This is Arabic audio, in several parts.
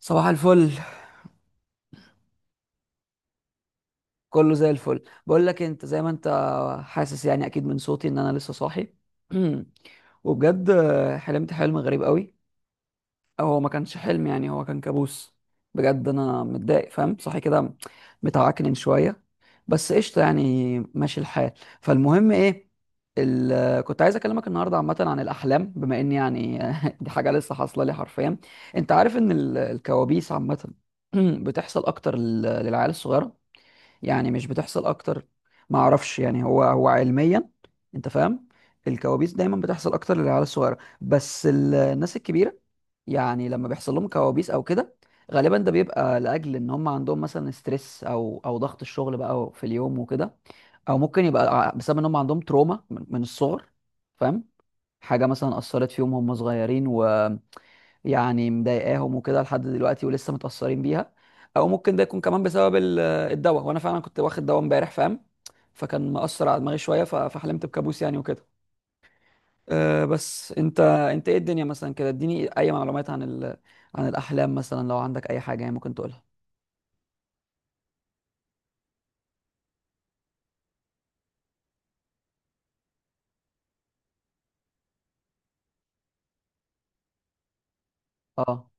صباح الفل. كله زي الفل، بقول لك انت زي ما انت. حاسس يعني اكيد من صوتي ان انا لسه صاحي. وبجد حلمت حلم غريب قوي، او هو ما كانش حلم، يعني هو كان كابوس. بجد انا متضايق، فاهم، صاحي كده متعكنن شويه، بس قشطه يعني ماشي الحال. فالمهم ايه، كنت عايز اكلمك النهارده عامه عن الاحلام، بما ان يعني دي حاجه لسه حاصله لي حرفيا. انت عارف ان الكوابيس عامه بتحصل اكتر للعيال الصغيره، يعني مش بتحصل اكتر. ما اعرفش يعني هو علميا، انت فاهم. الكوابيس دايما بتحصل اكتر للعيال الصغيره، بس الناس الكبيره يعني لما بيحصل لهم كوابيس او كده، غالبا ده بيبقى لاجل ان هم عندهم مثلا ستريس او ضغط الشغل بقى في اليوم وكده. او ممكن يبقى بسبب ان هم عندهم تروما من الصغر، فاهم، حاجه مثلا اثرت فيهم وهم صغيرين و يعني مضايقاهم وكده لحد دلوقتي ولسه متأثرين بيها. او ممكن ده يكون كمان بسبب الدواء، وانا فعلا كنت واخد دواء امبارح، فاهم، فكان مأثر على دماغي شوية فحلمت بكابوس يعني وكده. أه بس انت ايه الدنيا مثلا كده؟ اديني اي معلومات عن عن الاحلام مثلا، لو عندك اي حاجة يعني ممكن تقولها. اه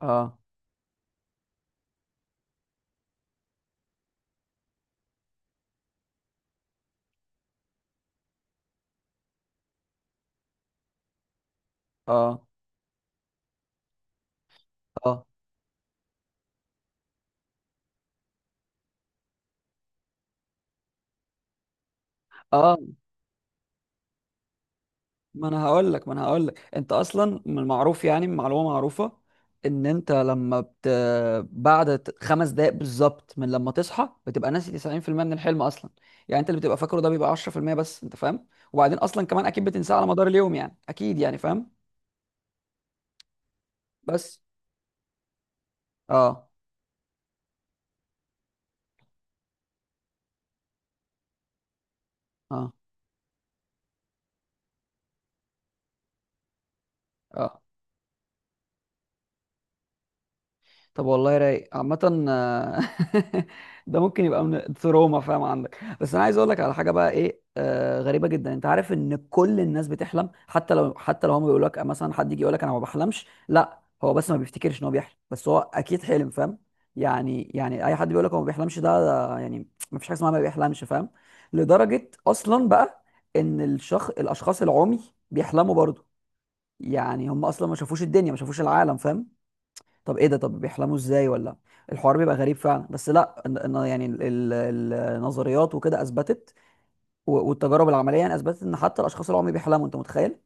اه اه اه اه ما انا هقول لك، ما انا هقول لك، انت اصلا من المعروف، يعني من معلومه معروفه، ان انت بعد 5 دقائق بالظبط من لما تصحى بتبقى ناسي 90% من الحلم اصلا. يعني انت اللي بتبقى فاكره ده بيبقى 10% بس، انت فاهم. وبعدين اصلا كمان اكيد بتنساه على مدار اليوم، يعني اكيد، يعني فاهم. بس اه اه اه طب والله رايق عامة. ده ممكن يبقى من تروما، فاهم، عندك. بس انا عايز اقول لك على حاجة بقى ايه، غريبة جدا. انت عارف ان كل الناس بتحلم، حتى لو حتى لو هم بيقولوا لك مثلا، حد يجي يقول لك انا ما بحلمش، لا هو بس ما بيفتكرش ان هو بيحلم، بس هو اكيد حلم، فاهم. يعني اي حد بيقول لك هو ما بيحلمش ده, ده يعني ما فيش حاجة اسمها ما بيحلمش، فاهم. لدرجة اصلا بقى ان الشخص، الاشخاص العمي بيحلموا برضه. يعني هم اصلا ما شافوش الدنيا، ما شافوش العالم، فاهم. طب ايه ده؟ طب بيحلموا ازاي؟ ولا الحوار بيبقى غريب فعلا. بس لا، إن يعني النظريات وكده اثبتت والتجارب العمليه يعني اثبتت ان حتى الاشخاص اللي هم بيحلموا، انت متخيل؟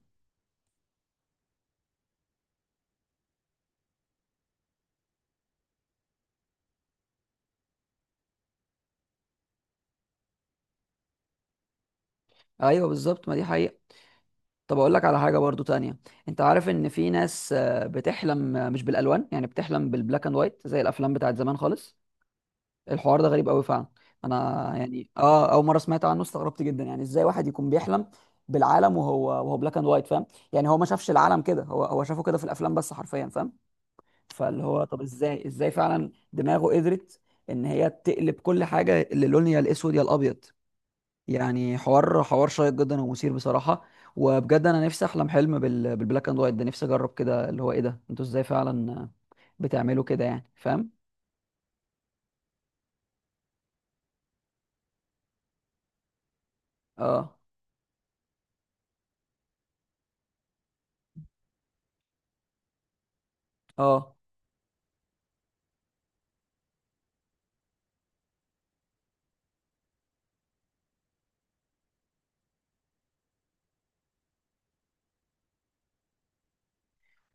ايوه بالظبط، ما دي حقيقه. طب اقول لك على حاجه برضو تانية. انت عارف ان في ناس بتحلم مش بالالوان، يعني بتحلم بالبلاك اند وايت زي الافلام بتاعت زمان خالص. الحوار ده غريب قوي فعلا. انا يعني اه اول مره سمعت عنه استغربت جدا، يعني ازاي واحد يكون بيحلم بالعالم وهو بلاك اند وايت، فاهم. يعني هو ما شافش العالم كده، هو شافه كده في الافلام بس حرفيا، فاهم. فاللي هو طب ازاي، ازاي فعلا دماغه قدرت ان هي تقلب كل حاجه اللي لون يا الاسود يا الابيض. يعني حوار شيق جدا ومثير بصراحه. وبجد انا نفسي احلم حلم بالبلاك اند وايت ده، نفسي اجرب كده، اللي هو ايه ده، انتوا ازاي فعلا بتعملوا كده، يعني فاهم. اه اه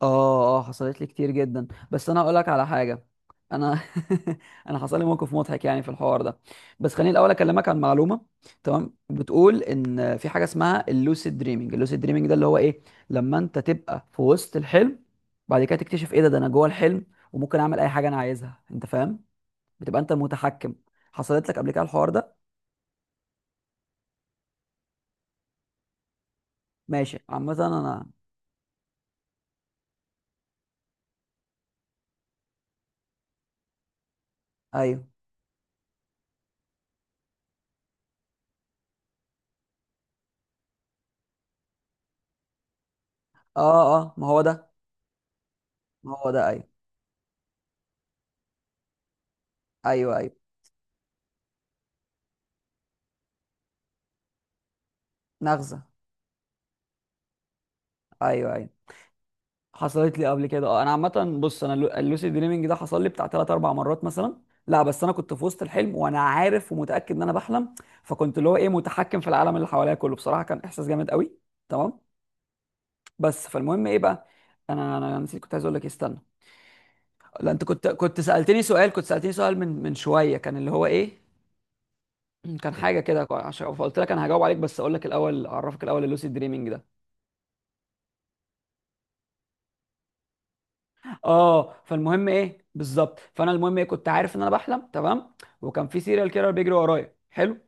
اه حصلت لي كتير جدا، بس انا هقول لك على حاجه. انا انا حصل لي موقف مضحك يعني في الحوار ده. بس خليني الاول اكلمك عن معلومه، تمام؟ بتقول ان في حاجه اسمها اللوسيد دريمينج. اللوسيد دريمينج ده اللي هو ايه، لما انت تبقى في وسط الحلم، بعد كده تكتشف ايه ده، ده انا جوه الحلم، وممكن اعمل اي حاجه انا عايزها، انت فاهم. بتبقى انت المتحكم. حصلت لك قبل كده الحوار ده؟ ماشي، عامه انا، ايوه، اه اه، ما هو ده، ما هو ده، ايوه ايوه ايوه، نغزه، ايوه ايوه. حصلت لي قبل كده اه. انا عامه، بص، انا اللوسيد دريمينج ده حصل لي بتاع 3 4 مرات مثلا. لا بس انا كنت في وسط الحلم وانا عارف ومتاكد ان انا بحلم، فكنت اللي هو ايه متحكم في العالم اللي حواليا كله. بصراحه كان احساس جامد قوي، تمام. بس فالمهم ايه بقى، انا نسيت. كنت عايز اقول لك إيه، استنى. لا انت كنت سالتني سؤال، كنت سالتني سؤال من شويه، كان اللي هو ايه، كان حاجه كده، عشان فقلت لك انا هجاوب عليك، بس اقول لك الاول، اعرفك الاول اللوسيد دريمينج ده. اه فالمهم ايه بالظبط، فانا المهم ايه، كنت عارف ان انا بحلم، تمام، وكان في سيريال كيلر بيجري ورايا. حلو.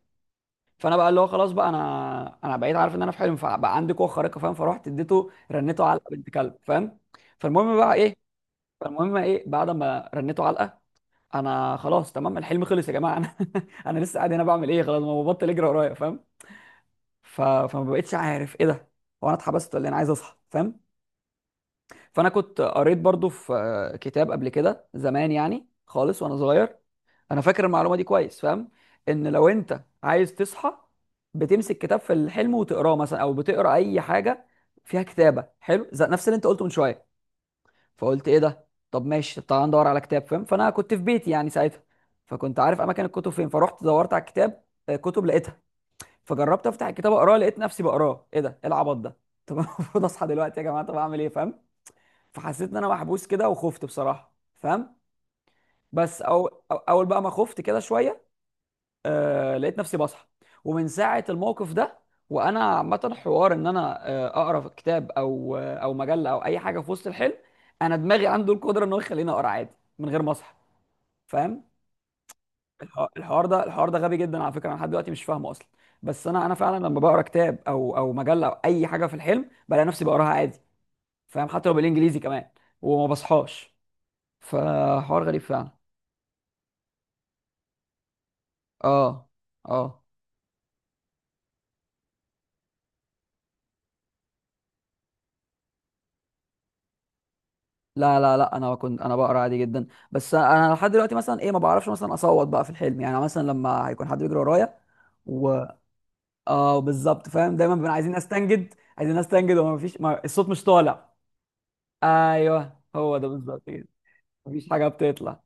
فانا بقى اللي هو خلاص بقى، انا بقيت عارف ان انا في حلم، فبقى عندي قوه خارقه، فاهم، فروحت اديته، رنيته علقه بنت كلب، فاهم. فالمهم بقى ايه، فالمهم ايه، بعد ما رنيته علقه، انا خلاص تمام الحلم خلص يا جماعه، انا انا لسه قاعد هنا بعمل ايه؟ خلاص ما هو بطل يجري ورايا، فاهم. فما بقتش عارف ايه ده، هو انا اتحبست ولا إيه؟ انا عايز اصحى، فاهم. فانا كنت قريت برضو في كتاب قبل كده، زمان يعني خالص وانا صغير. انا فاكر المعلومه دي كويس، فاهم. ان لو انت عايز تصحى، بتمسك كتاب في الحلم وتقراه مثلا، او بتقرا اي حاجه فيها كتابه، حلو، زي نفس اللي انت قلته من شويه. فقلت ايه ده، طب ماشي، طب تعالى ندور على كتاب، فاهم. فانا كنت في بيتي يعني ساعتها، فكنت عارف اماكن الكتب فين، فروحت دورت على الكتاب، كتب لقيتها. فجربت افتح الكتاب اقراه، لقيت نفسي بقراه. ايه ده، ايه العبط ده؟ طب انا المفروض اصحى دلوقتي يا جماعه، طب اعمل ايه؟ فاهم. فحسيت ان انا محبوس كده، وخفت بصراحه، فاهم. بس اول بقى ما خفت كده شويه، لقيت نفسي بصحى. ومن ساعه الموقف ده وانا عامه حوار ان انا اقرا كتاب او مجله او اي حاجه في وسط الحلم، انا دماغي عنده القدره ان هو يخليني اقرا عادي من غير ما اصحى، فاهم. الحوار ده، الحوار ده غبي جدا على فكره، انا لحد دلوقتي مش فاهمه اصلا. بس انا فعلا لما بقرا كتاب او مجله او اي حاجه في الحلم، بلاقي نفسي بقراها عادي، فاهم، حتى لو بالانجليزي كمان، وما بصحاش. فحوار غريب فعلا. اه اه. لا انا كنت انا بقرا عادي جدا. بس انا لحد دلوقتي مثلا ايه، ما بعرفش مثلا اصوت بقى في الحلم، يعني مثلا لما هيكون حد بيجري ورايا و اه بالظبط، فاهم. دايما بنبقى عايزين نستنجد، عايزين نستنجد، وما فيش، ما... الصوت مش طالع. ايوه هو ده بالظبط كده. مفيش حاجه بتطلع.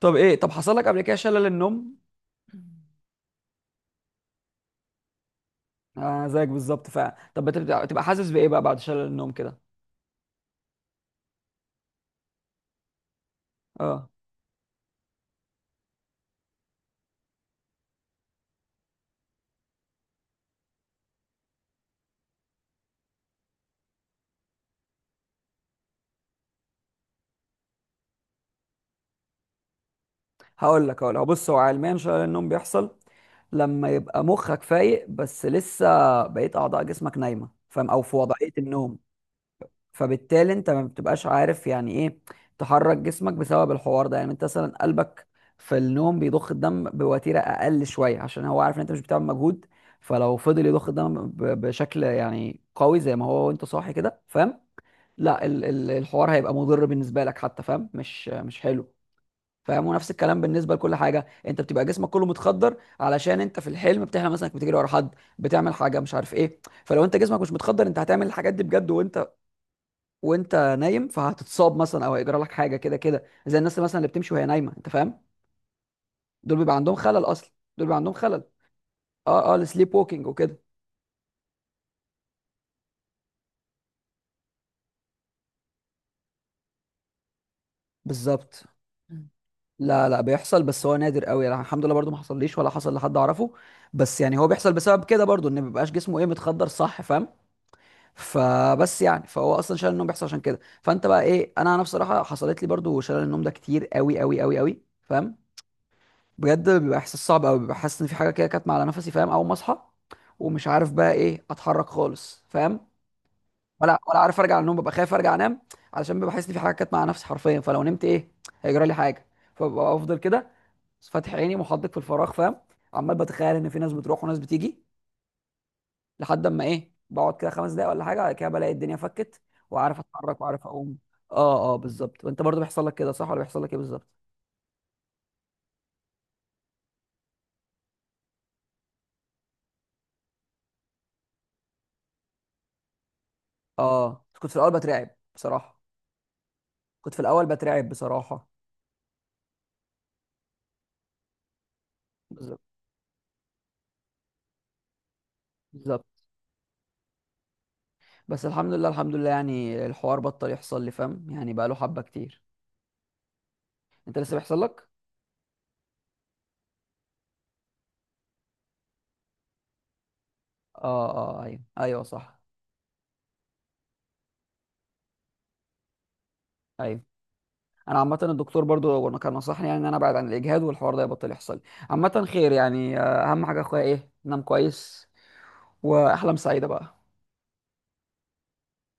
طب ايه، طب حصل لك قبل كده شلل النوم؟ زيك بالظبط فعلا. طب بتبقى حاسس بايه بقى بعد شلل النوم كده؟ اه هقول لك، هقول لك. بص هو علميا شلل النوم بيحصل لما يبقى مخك فايق بس لسه بقية أعضاء جسمك نايمة، فاهم، أو في وضعية النوم. فبالتالي أنت ما بتبقاش عارف يعني إيه تحرك جسمك، بسبب الحوار ده. يعني أنت مثلا قلبك في النوم بيضخ الدم بوتيرة أقل شوية، عشان هو عارف إن أنت مش بتعمل مجهود. فلو فضل يضخ الدم بشكل يعني قوي زي ما هو وأنت صاحي كده، فاهم، لا الحوار هيبقى مضر بالنسبة لك حتى، فاهم، مش مش حلو، فاهم. ونفس الكلام بالنسبه لكل حاجه. انت بتبقى جسمك كله متخدر، علشان انت في الحلم بتحلم مثلا انك بتجري ورا حد، بتعمل حاجه مش عارف ايه، فلو انت جسمك مش متخدر، انت هتعمل الحاجات دي بجد وانت وانت نايم، فهتتصاب مثلا او هيجرى لك حاجه كده كده، زي الناس اللي مثلا اللي بتمشي وهي نايمه، انت فاهم. دول بيبقى عندهم خلل اصلا، دول بيبقى عندهم خلل. اه اه السليب ووكينج وكده. بالظبط. مم. لا لا بيحصل، بس هو نادر قوي. لا، الحمد لله برضو ما حصليش ولا حصل لحد اعرفه. بس يعني هو بيحصل بسبب كده برضو، ان ما بيبقاش جسمه ايه متخدر، صح، فاهم. فبس يعني، فهو اصلا شلل النوم بيحصل عشان كده. فانت بقى ايه، انا بصراحه حصلت لي برضو شلل النوم ده كتير قوي قوي قوي قوي، فاهم. بجد بيبقى احساس صعب قوي. ببقى حاسس ان في حاجه كده كانت معلقه نفسي، فاهم، اول ما اصحى، ومش عارف بقى ايه، اتحرك خالص، فاهم. ولا عارف ارجع النوم، ببقى خايف ارجع انام، علشان ببقى حاسس ان في حاجه كانت مع نفسي حرفيا، فلو نمت ايه هيجرى لي حاجه. فببقى افضل كده فاتح عيني محدق في الفراغ، فاهم، عمال بتخيل ان في ناس بتروح وناس بتيجي، لحد اما ايه بقعد كده 5 دقايق ولا حاجه، بعد كده بلاقي الدنيا فكت، وعارف اتحرك وعارف اقوم. اه اه بالظبط. وانت برضو بيحصل لك كده صح، ولا بيحصل لك ايه بالظبط؟ اه كنت في الاول بترعب بصراحه، كنت في الاول بترعب بصراحه. بالظبط، بالظبط بس الحمد لله، الحمد لله يعني الحوار بطل يحصل لي، فاهم، يعني بقى له حبه كتير. انت لسه بيحصل لك؟ اه اه، ايوه ايوه صح. ايوه انا عامه الدكتور برضو وانا كان نصحني، يعني ان انا ابعد عن الاجهاد والحوار ده يبطل يحصل لي. عامه خير يعني، اهم حاجه يا اخويا ايه، نام كويس، واحلام سعيده بقى.